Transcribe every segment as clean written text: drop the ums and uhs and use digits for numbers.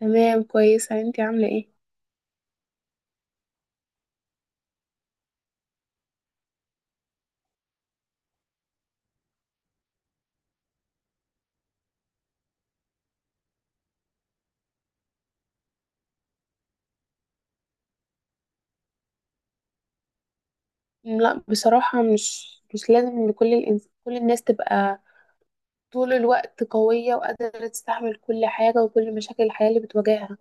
تمام كويسة، انتي عاملة ايه؟ لا بصراحة مش لازم ان كل الناس تبقى طول الوقت قوية وقادرة تستحمل كل حاجة وكل مشاكل الحياة اللي بتواجهها.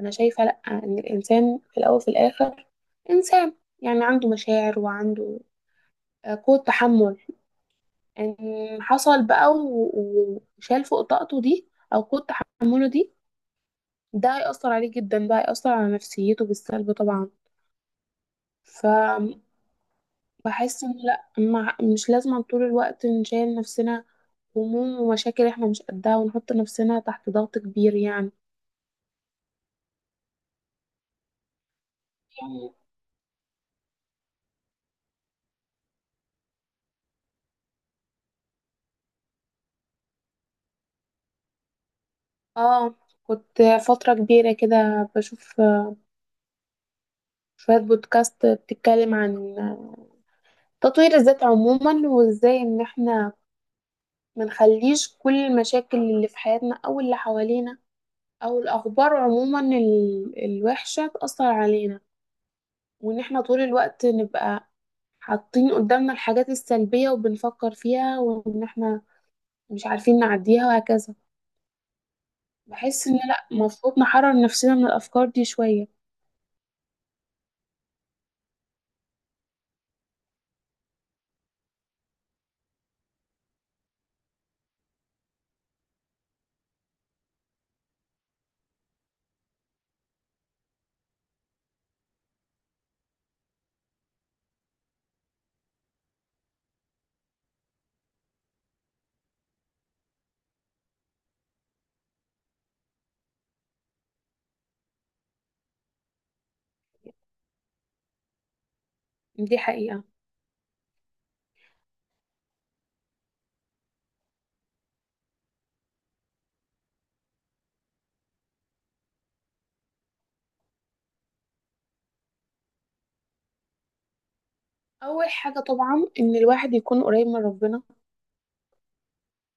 انا شايفة لا، ان الانسان في الاول وفي الاخر انسان، يعني عنده مشاعر وعنده قوة تحمل. ان حصل بقى و- و- وشال فوق طاقته دي او قوة تحمله دي، ده هيأثر عليه جدا، بقى هيأثر على نفسيته بالسلب. طبعا. بحس ان لا، مع مش لازم طول الوقت نشيل نفسنا هموم ومشاكل احنا مش قدها، ونحط نفسنا تحت ضغط كبير يعني. اه، كنت فترة كبيرة كده بشوف شوية بودكاست بتتكلم عن تطوير الذات عموما، وازاي ان احنا منخليش كل المشاكل اللي في حياتنا او اللي حوالينا او الاخبار عموما الوحشة تأثر علينا، وان احنا طول الوقت نبقى حاطين قدامنا الحاجات السلبية وبنفكر فيها، وإن إحنا مش عارفين نعديها وهكذا. بحس إن لأ، المفروض نحرر نفسنا من الأفكار دي شوية. دي حقيقة. أول حاجة طبعا إن الواحد يكون قريب من ربنا.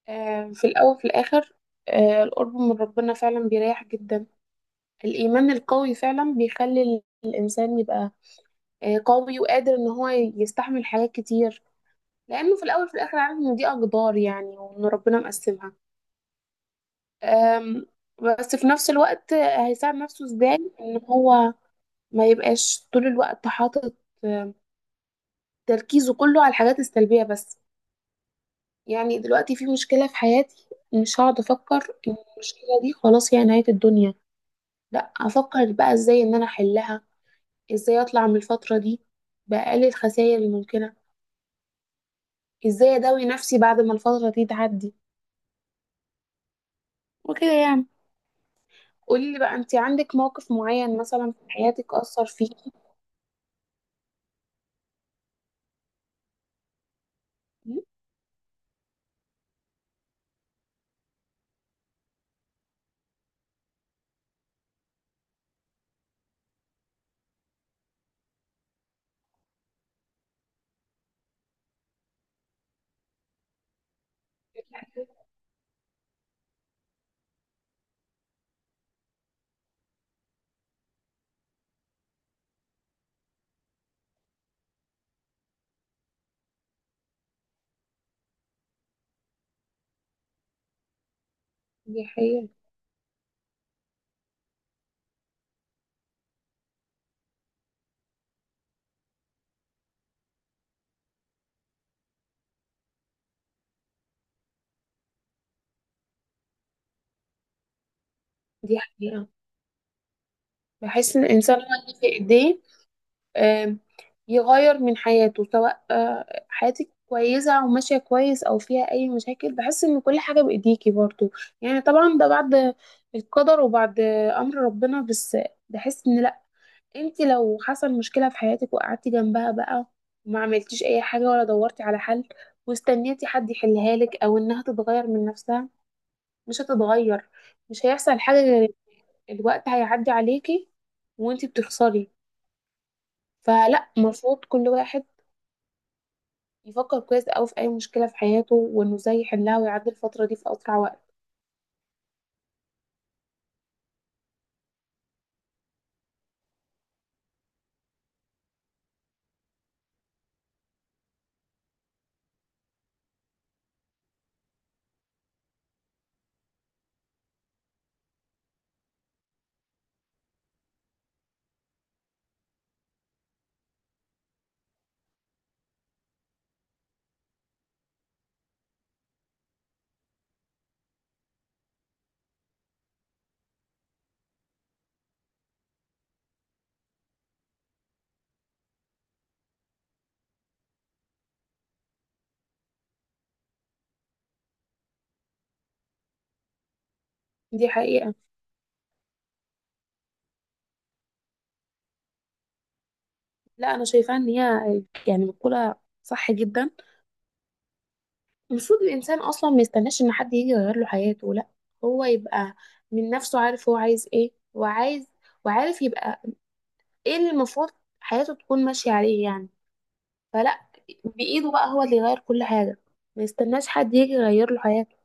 آه، في الأول في الآخر آه القرب من ربنا فعلا بيريح جدا. الإيمان القوي فعلا بيخلي الإنسان يبقى آه قوي وقادر إن هو يستحمل حاجات كتير، لأنه في الأول في الآخر عارف إن دي أقدار يعني، وإن ربنا مقسمها. أم، بس في نفس الوقت هيساعد نفسه ازاي ان هو ما يبقاش طول الوقت حاطط أم، تركيزه كله على الحاجات السلبية بس. يعني دلوقتي في مشكلة في حياتي، مش هقعد افكر ان المشكلة دي خلاص هي نهاية الدنيا، لا افكر بقى ازاي ان انا احلها، ازاي اطلع من الفترة دي بأقل الخسائر الممكنة، ازاي اداوي نفسي بعد ما الفترة دي تعدي، وكده يعني. قولي لي بقى، انت عندك موقف معين مثلا في حياتك أثر فيكي؟ دي حقيقة. دي حقيقة. بحس إن الإنسان هو اللي في إيديه آم، يغير من حياته. سواء آه، حياتك كويسة أو ماشية كويس أو فيها أي مشاكل، بحس إن كل حاجة بإيديكي برضو. يعني طبعا ده بعد القدر وبعد أمر ربنا، بس بحس إن لأ، أنت لو حصل مشكلة في حياتك وقعدتي جنبها بقى وما عملتيش أي حاجة ولا دورتي على حل، واستنيتي حد يحلها لك أو إنها تتغير من نفسها، مش هتتغير. مش هيحصل حاجة، غير الوقت هيعدي عليكي وانتي بتخسري. فلا، المفروض كل واحد يفكر كويس أوي في أي مشكلة في حياته، وإنه إزاي يحلها ويعدي الفترة دي في أسرع وقت. دي حقيقة. لا، أنا شايفة إن هي يعني مقولة صح جدا. المفروض الإنسان أصلا ما يستناش إن حد يجي يغير له حياته، لا، هو يبقى من نفسه عارف هو عايز إيه وعايز، وعارف يبقى إيه اللي المفروض حياته تكون ماشية عليه يعني. فلا، بإيده بقى هو اللي يغير كل حاجة، ما يستناش حد يجي يغير له حياته.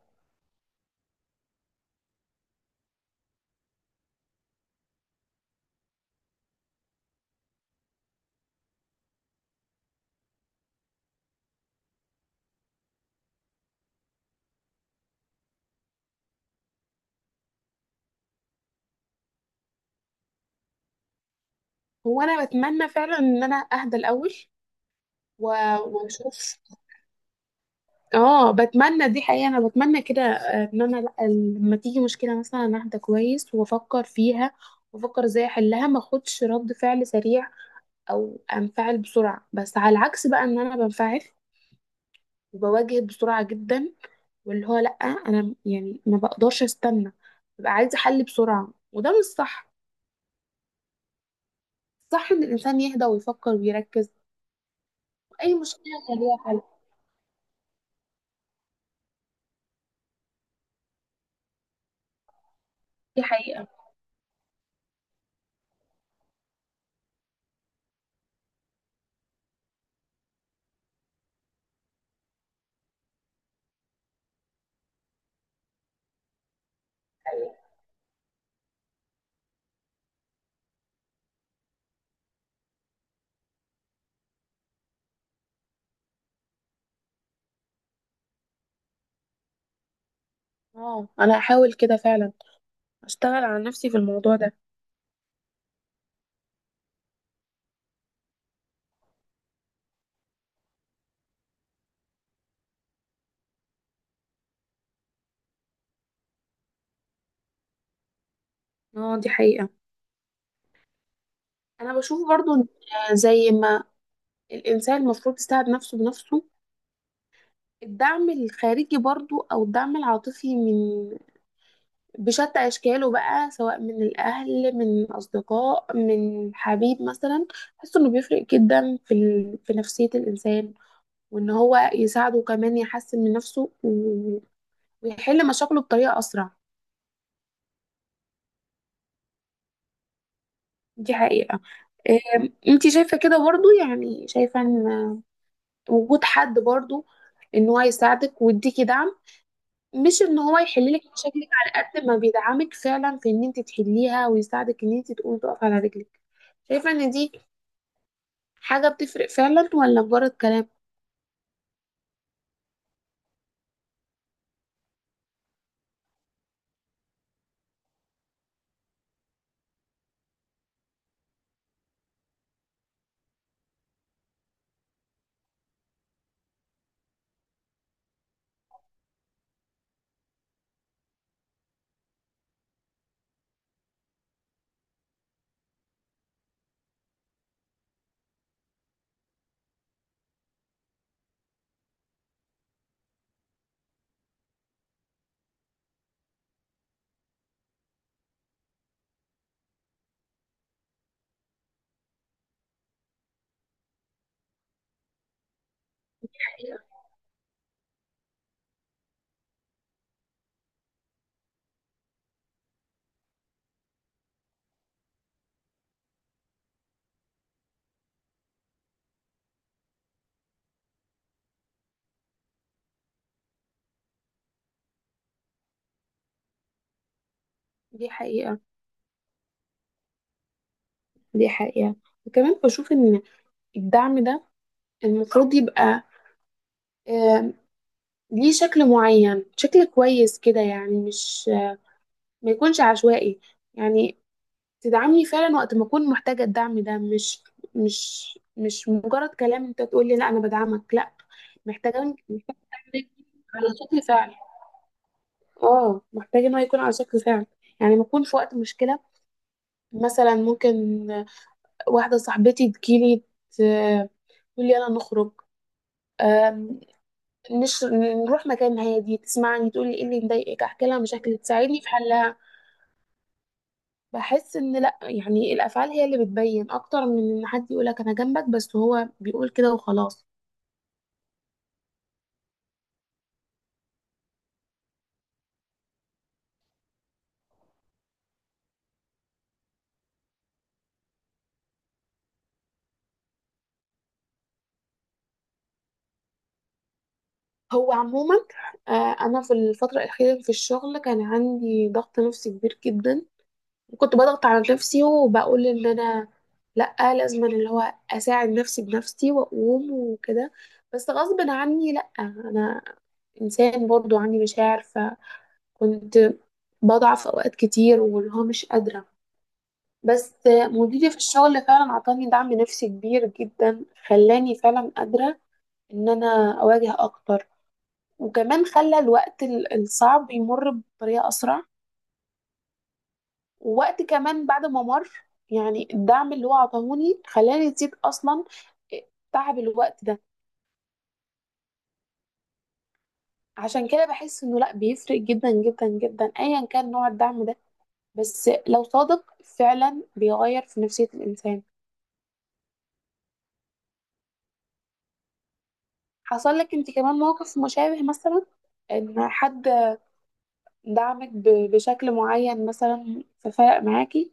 هو انا بتمنى فعلا ان انا اهدى الاول و- واشوف. اه بتمنى، دي حقيقة انا بتمنى كده آه، ان انا لأ، لما تيجي مشكلة مثلا أنا اهدى كويس وافكر فيها، وافكر ازاي احلها، ما اخدش رد فعل سريع او انفعل بسرعة. بس على العكس بقى، ان انا بنفعل وبواجه بسرعة جدا، واللي هو لا انا يعني ما بقدرش استنى، ببقى عايزة حل بسرعة، وده مش صح. صح ان الانسان يهدى ويفكر ويركز. اي مشكلة كان ليها حل. دي حقيقة. اه انا هحاول كده فعلا اشتغل على نفسي في الموضوع ده. اه دي حقيقة. انا بشوف برضو إن زي ما الانسان المفروض يساعد نفسه بنفسه، الدعم الخارجي برضو او الدعم العاطفي من بشتى اشكاله بقى، سواء من الاهل من اصدقاء من حبيب مثلا، بحس انه بيفرق جدا في نفسية الانسان، وان هو يساعده كمان يحسن من نفسه و... ويحل مشاكله بطريقة اسرع. دي حقيقة. أم، انتي شايفة كده برضو؟ يعني شايفة ان وجود حد برضو ان هو يساعدك ويديكي دعم، مش ان هو يحللك مشاكلك، على قد ما بيدعمك فعلا في ان انت تحليها ويساعدك ان انت تقومي تقف على رجلك، شايفة ان دي حاجة بتفرق فعلا ولا مجرد كلام؟ دي حقيقة. دي حقيقة. وكمان بشوف ان الدعم ده المفروض يبقى آم، ليه شكل معين، شكل كويس كده يعني، مش ما يكونش عشوائي. يعني تدعمني فعلا وقت ما اكون محتاجه الدعم ده، مش مش مجرد كلام انت تقول لي لا انا بدعمك، لا، محتاجه، محتاجه ده يكون على شكل فعل. اه محتاجه ان هو يكون على شكل فعل. يعني ما اكون في وقت مشكله، مثلا ممكن واحده صاحبتي تجيلي ت- تقول لي يلا نخرج، آم، نش... نروح مكان هادي، تسمعني، تقول لي ايه اللي مضايقك، احكي لها مشاكل تساعدني في حلها. بحس ان لا يعني الافعال هي اللي بتبين اكتر من ان حد يقولك انا جنبك، بس هو بيقول كده وخلاص. هو عموما آه، انا في الفتره الاخيره في الشغل كان عندي ضغط نفسي كبير جدا، وكنت بضغط على نفسي وبقول ان انا لا لازم أنا اللي هو اساعد نفسي بنفسي واقوم وكده. بس غصب عني لا انا انسان برضو عندي مشاعر، فكنت بضعف اوقات كتير واللي هو مش قادره. بس مديري في الشغل فعلا عطاني دعم نفسي كبير جدا، خلاني فعلا قادرة ان انا اواجه اكتر، وكمان خلى الوقت الصعب يمر بطريقة اسرع. ووقت كمان بعد ما مر، يعني الدعم اللي هو عطاهوني خلاني نسيت اصلا تعب الوقت ده. عشان كده بحس انه لا بيفرق جدا جدا جدا، ايا كان نوع الدعم ده بس لو صادق فعلا بيغير في نفسية الانسان. حصل لك انت كمان موقف مشابه مثلا، ان حد دعمك بشكل معين مثلا ففرق معاكي؟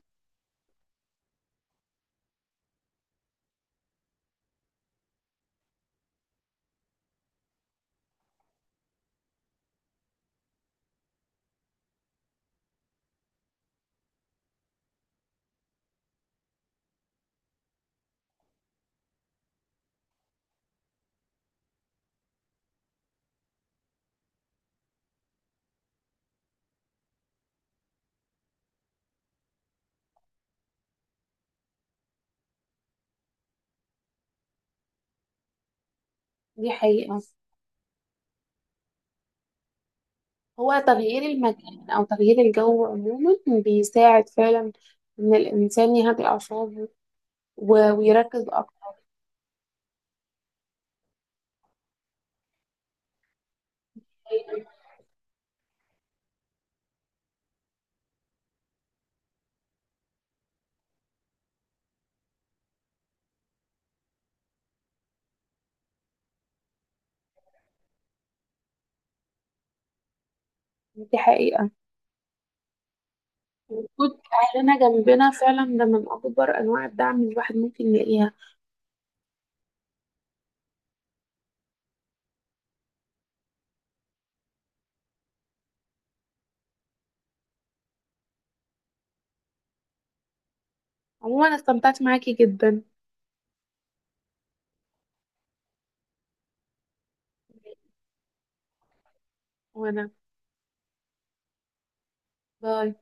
دي حقيقة. هو تغيير المكان أو تغيير الجو عموما بيساعد فعلا إن الإنسان يهدي أعصابه و- ويركز أكتر. دي حقيقة. وجود أهلنا جنبنا فعلا ده من أكبر أنواع الدعم اللي الواحد ممكن يلاقيها. عموما استمتعت معاكي جدا. وأنا باي.